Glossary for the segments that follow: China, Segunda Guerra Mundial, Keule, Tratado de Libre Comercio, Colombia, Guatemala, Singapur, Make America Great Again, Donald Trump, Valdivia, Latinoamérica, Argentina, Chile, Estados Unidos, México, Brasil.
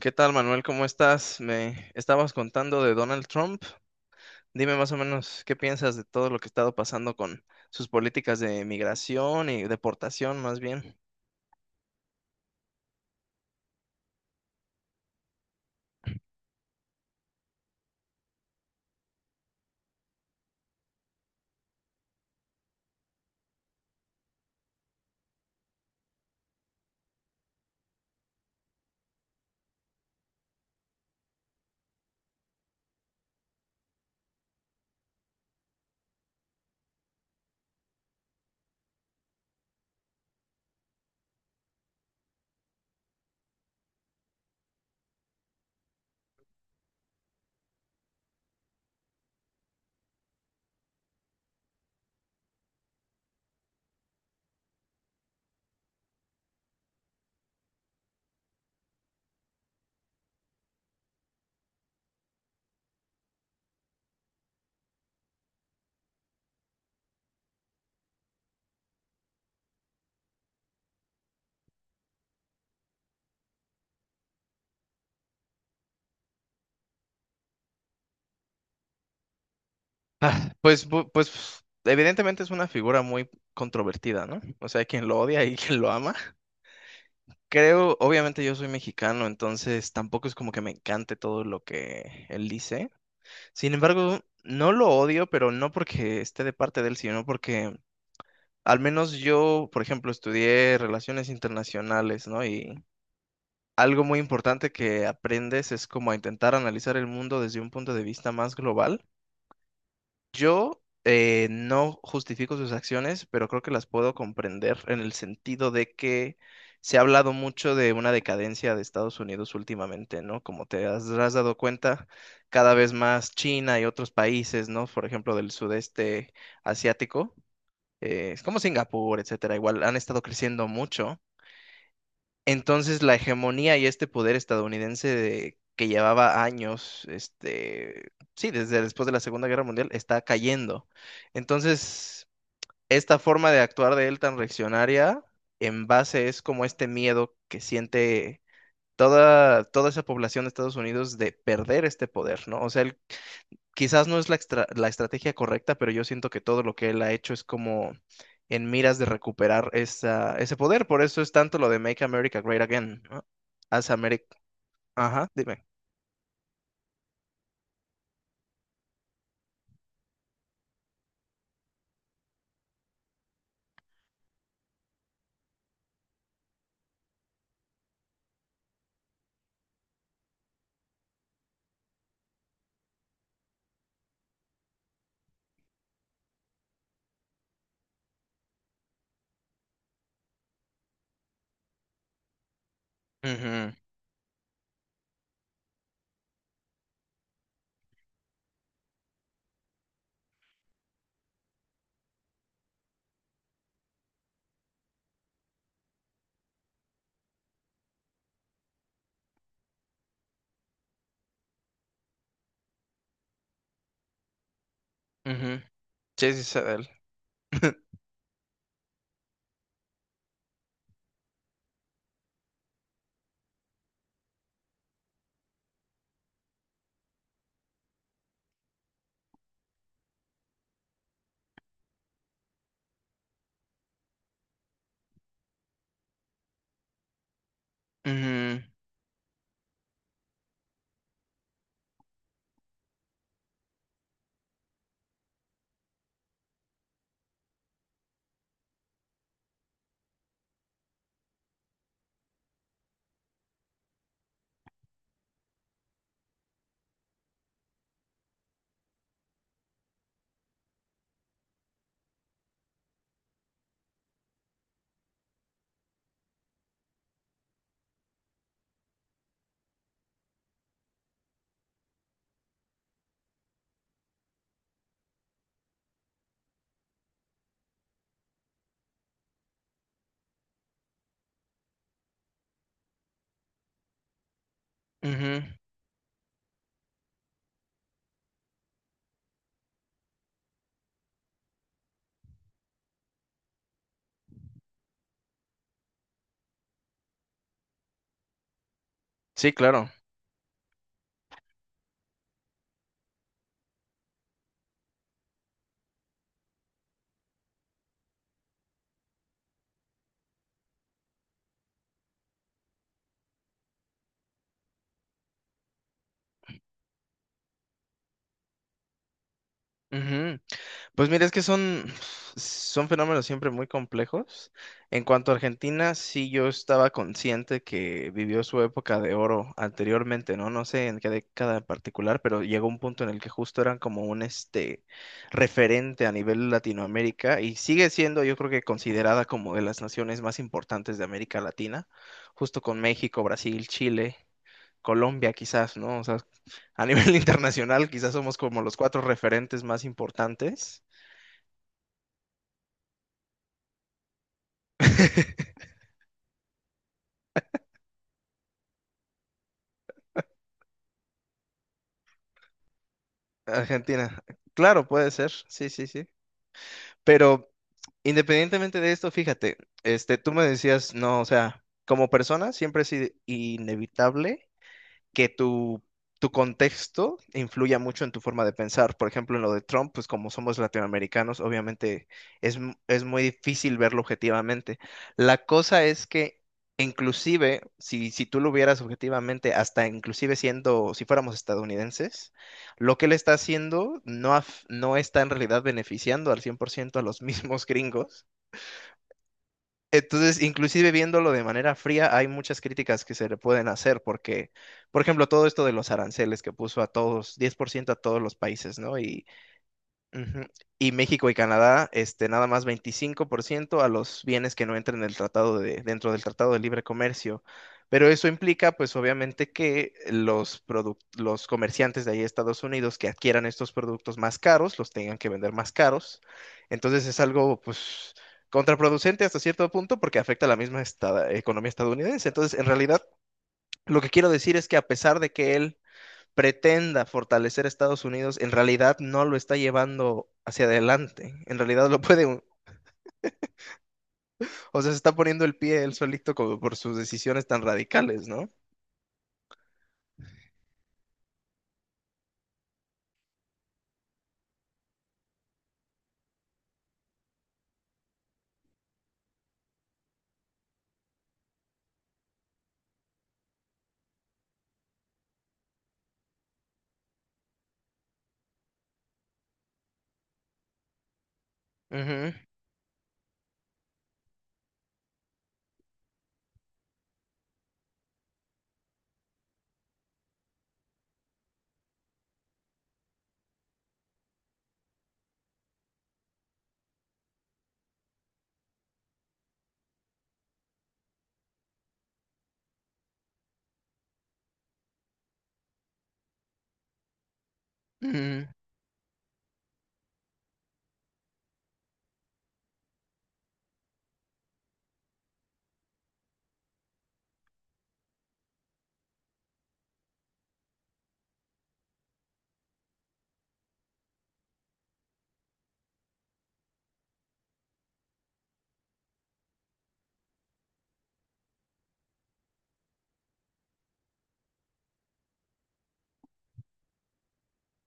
¿Qué tal, Manuel? ¿Cómo estás? Me estabas contando de Donald Trump. Dime más o menos qué piensas de todo lo que ha estado pasando con sus políticas de migración y deportación, más bien. Ah, pues, pues evidentemente es una figura muy controvertida, ¿no? O sea, hay quien lo odia y quien lo ama. Creo, obviamente yo soy mexicano, entonces tampoco es como que me encante todo lo que él dice. Sin embargo, no lo odio, pero no porque esté de parte de él, sino porque al menos yo, por ejemplo, estudié relaciones internacionales, ¿no? Y algo muy importante que aprendes es como a intentar analizar el mundo desde un punto de vista más global. Yo no justifico sus acciones, pero creo que las puedo comprender en el sentido de que se ha hablado mucho de una decadencia de Estados Unidos últimamente, ¿no? Como te has dado cuenta, cada vez más China y otros países, ¿no? Por ejemplo, del sudeste asiático es como Singapur, etcétera, igual han estado creciendo mucho. Entonces, la hegemonía y este poder estadounidense que llevaba años, este, sí, desde después de la Segunda Guerra Mundial, está cayendo. Entonces, esta forma de actuar de él tan reaccionaria, en base es como este miedo que siente toda esa población de Estados Unidos de perder este poder, ¿no? O sea, él quizás no es la estrategia correcta, pero yo siento que todo lo que él ha hecho es como en miras de recuperar ese poder. Por eso es tanto lo de Make America Great Again, ¿no? Haz Ameri- Ajá, dime. Ujú, ujú. Sí, sí, sé de él. Ujú, ujú. Sí, claro. Ujú. Pues mira, son fenómenos siempre muy complejos. En cuanto a Argentina, sí yo estaba consciente que vivió su época de oro anteriormente, ¿no? No sé en qué década en particular, pero llegó un punto en el que justo eran como un este referente a nivel Latinoamérica y sigue siendo, yo creo que considerada como de las naciones más importantes de América Latina, justo con México, Brasil, Chile, Colombia quizás, ¿no? O sea, a nivel internacional quizás somos como los cuatro referentes más importantes. Argentina. Claro, puede ser. Sí, sí, sí. Pero independientemente de esto, fíjate, este, tú me decías, no, o sea, como persona siempre es inevitable que tu contexto influya mucho en tu forma de pensar. Por ejemplo, en lo de Trump, pues como somos latinoamericanos, obviamente es muy difícil verlo objetivamente. La cosa es que inclusive, si tú lo vieras objetivamente, hasta inclusive siendo, si fuéramos estadounidenses, lo que él está haciendo no está en realidad beneficiando al 100% a los mismos gringos. Entonces, inclusive viéndolo de manera fría, hay muchas críticas que se le pueden hacer porque, por ejemplo, todo esto de los aranceles que puso a todos, 10% a todos los países, ¿no? Y ujú. Y México y Canadá, este, nada más 25% a los bienes que no entren en el tratado de, dentro del Tratado de Libre Comercio. Pero eso implica, pues obviamente, que los comerciantes de ahí de Estados Unidos que adquieran estos productos más caros, los tengan que vender más caros. Entonces es algo, pues, contraproducente hasta cierto punto porque afecta a la misma economía estadounidense. Entonces, en realidad, lo que quiero decir es que a pesar de que él pretenda fortalecer a Estados Unidos, en realidad no lo está llevando hacia adelante. En realidad lo puede, o sea, se está poniendo el pie él solito como por sus decisiones tan radicales, ¿no? Ujú, ujú,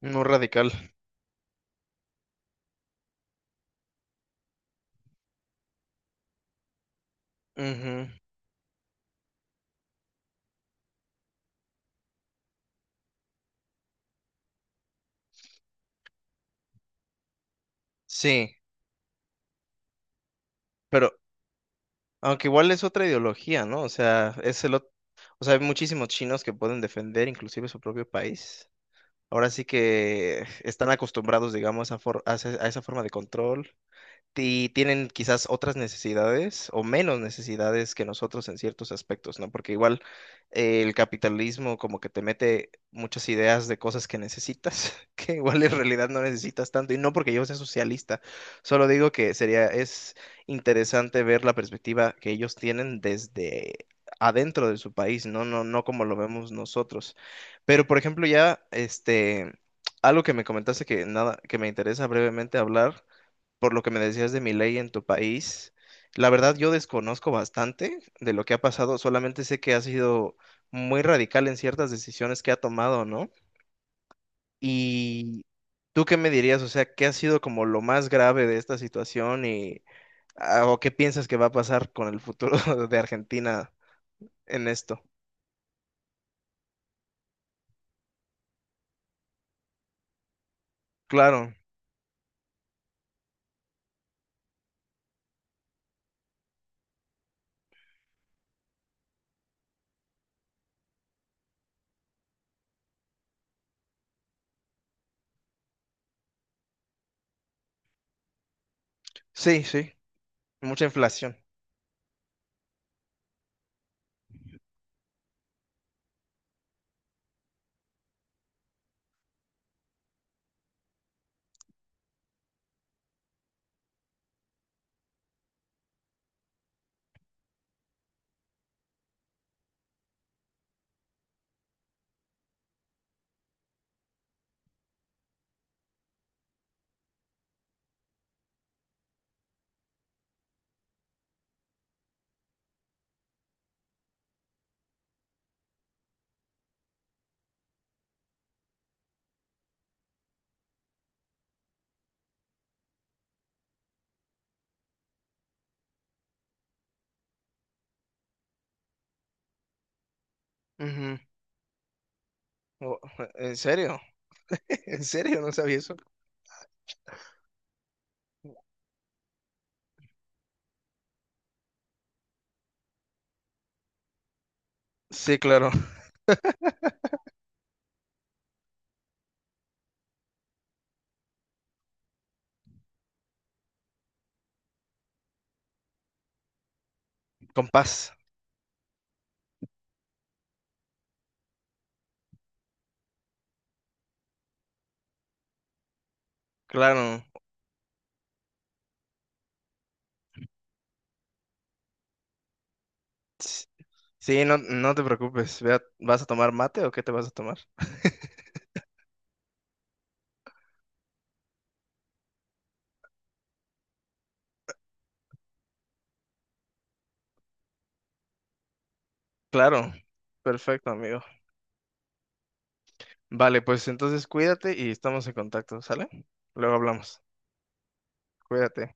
no radical. Ujú, sí, pero aunque igual es otra ideología, ¿no? O sea, o sea, hay muchísimos chinos que pueden defender inclusive su propio país. Ahora sí que están acostumbrados, digamos, a a esa forma de control. Y tienen quizás otras necesidades o menos necesidades que nosotros en ciertos aspectos, ¿no? Porque igual el capitalismo como que te mete muchas ideas de cosas que necesitas, que igual en realidad no necesitas tanto, y no porque yo sea socialista, solo digo que es interesante ver la perspectiva que ellos tienen desde adentro de su país, no, no como lo vemos nosotros. Pero, por ejemplo, ya, este, algo que me comentaste que nada, que me interesa brevemente hablar por lo que me decías de mi ley en tu país, la verdad yo desconozco bastante de lo que ha pasado, solamente sé que ha sido muy radical en ciertas decisiones que ha tomado, ¿no? Y tú qué me dirías, o sea, ¿qué ha sido como lo más grave de esta situación y o qué piensas que va a pasar con el futuro de Argentina en esto? Claro, sí, sí, mucha inflación. Ujú. Oh, ¿en serio? ¿En serio? No sabía eso. Sí, claro, con paz, claro. Sí, no, no te preocupes. Vea, ¿vas a tomar mate o qué te vas a tomar? Claro, perfecto, amigo. Vale, pues entonces cuídate y estamos en contacto, ¿sale? Luego hablamos. Cuídate.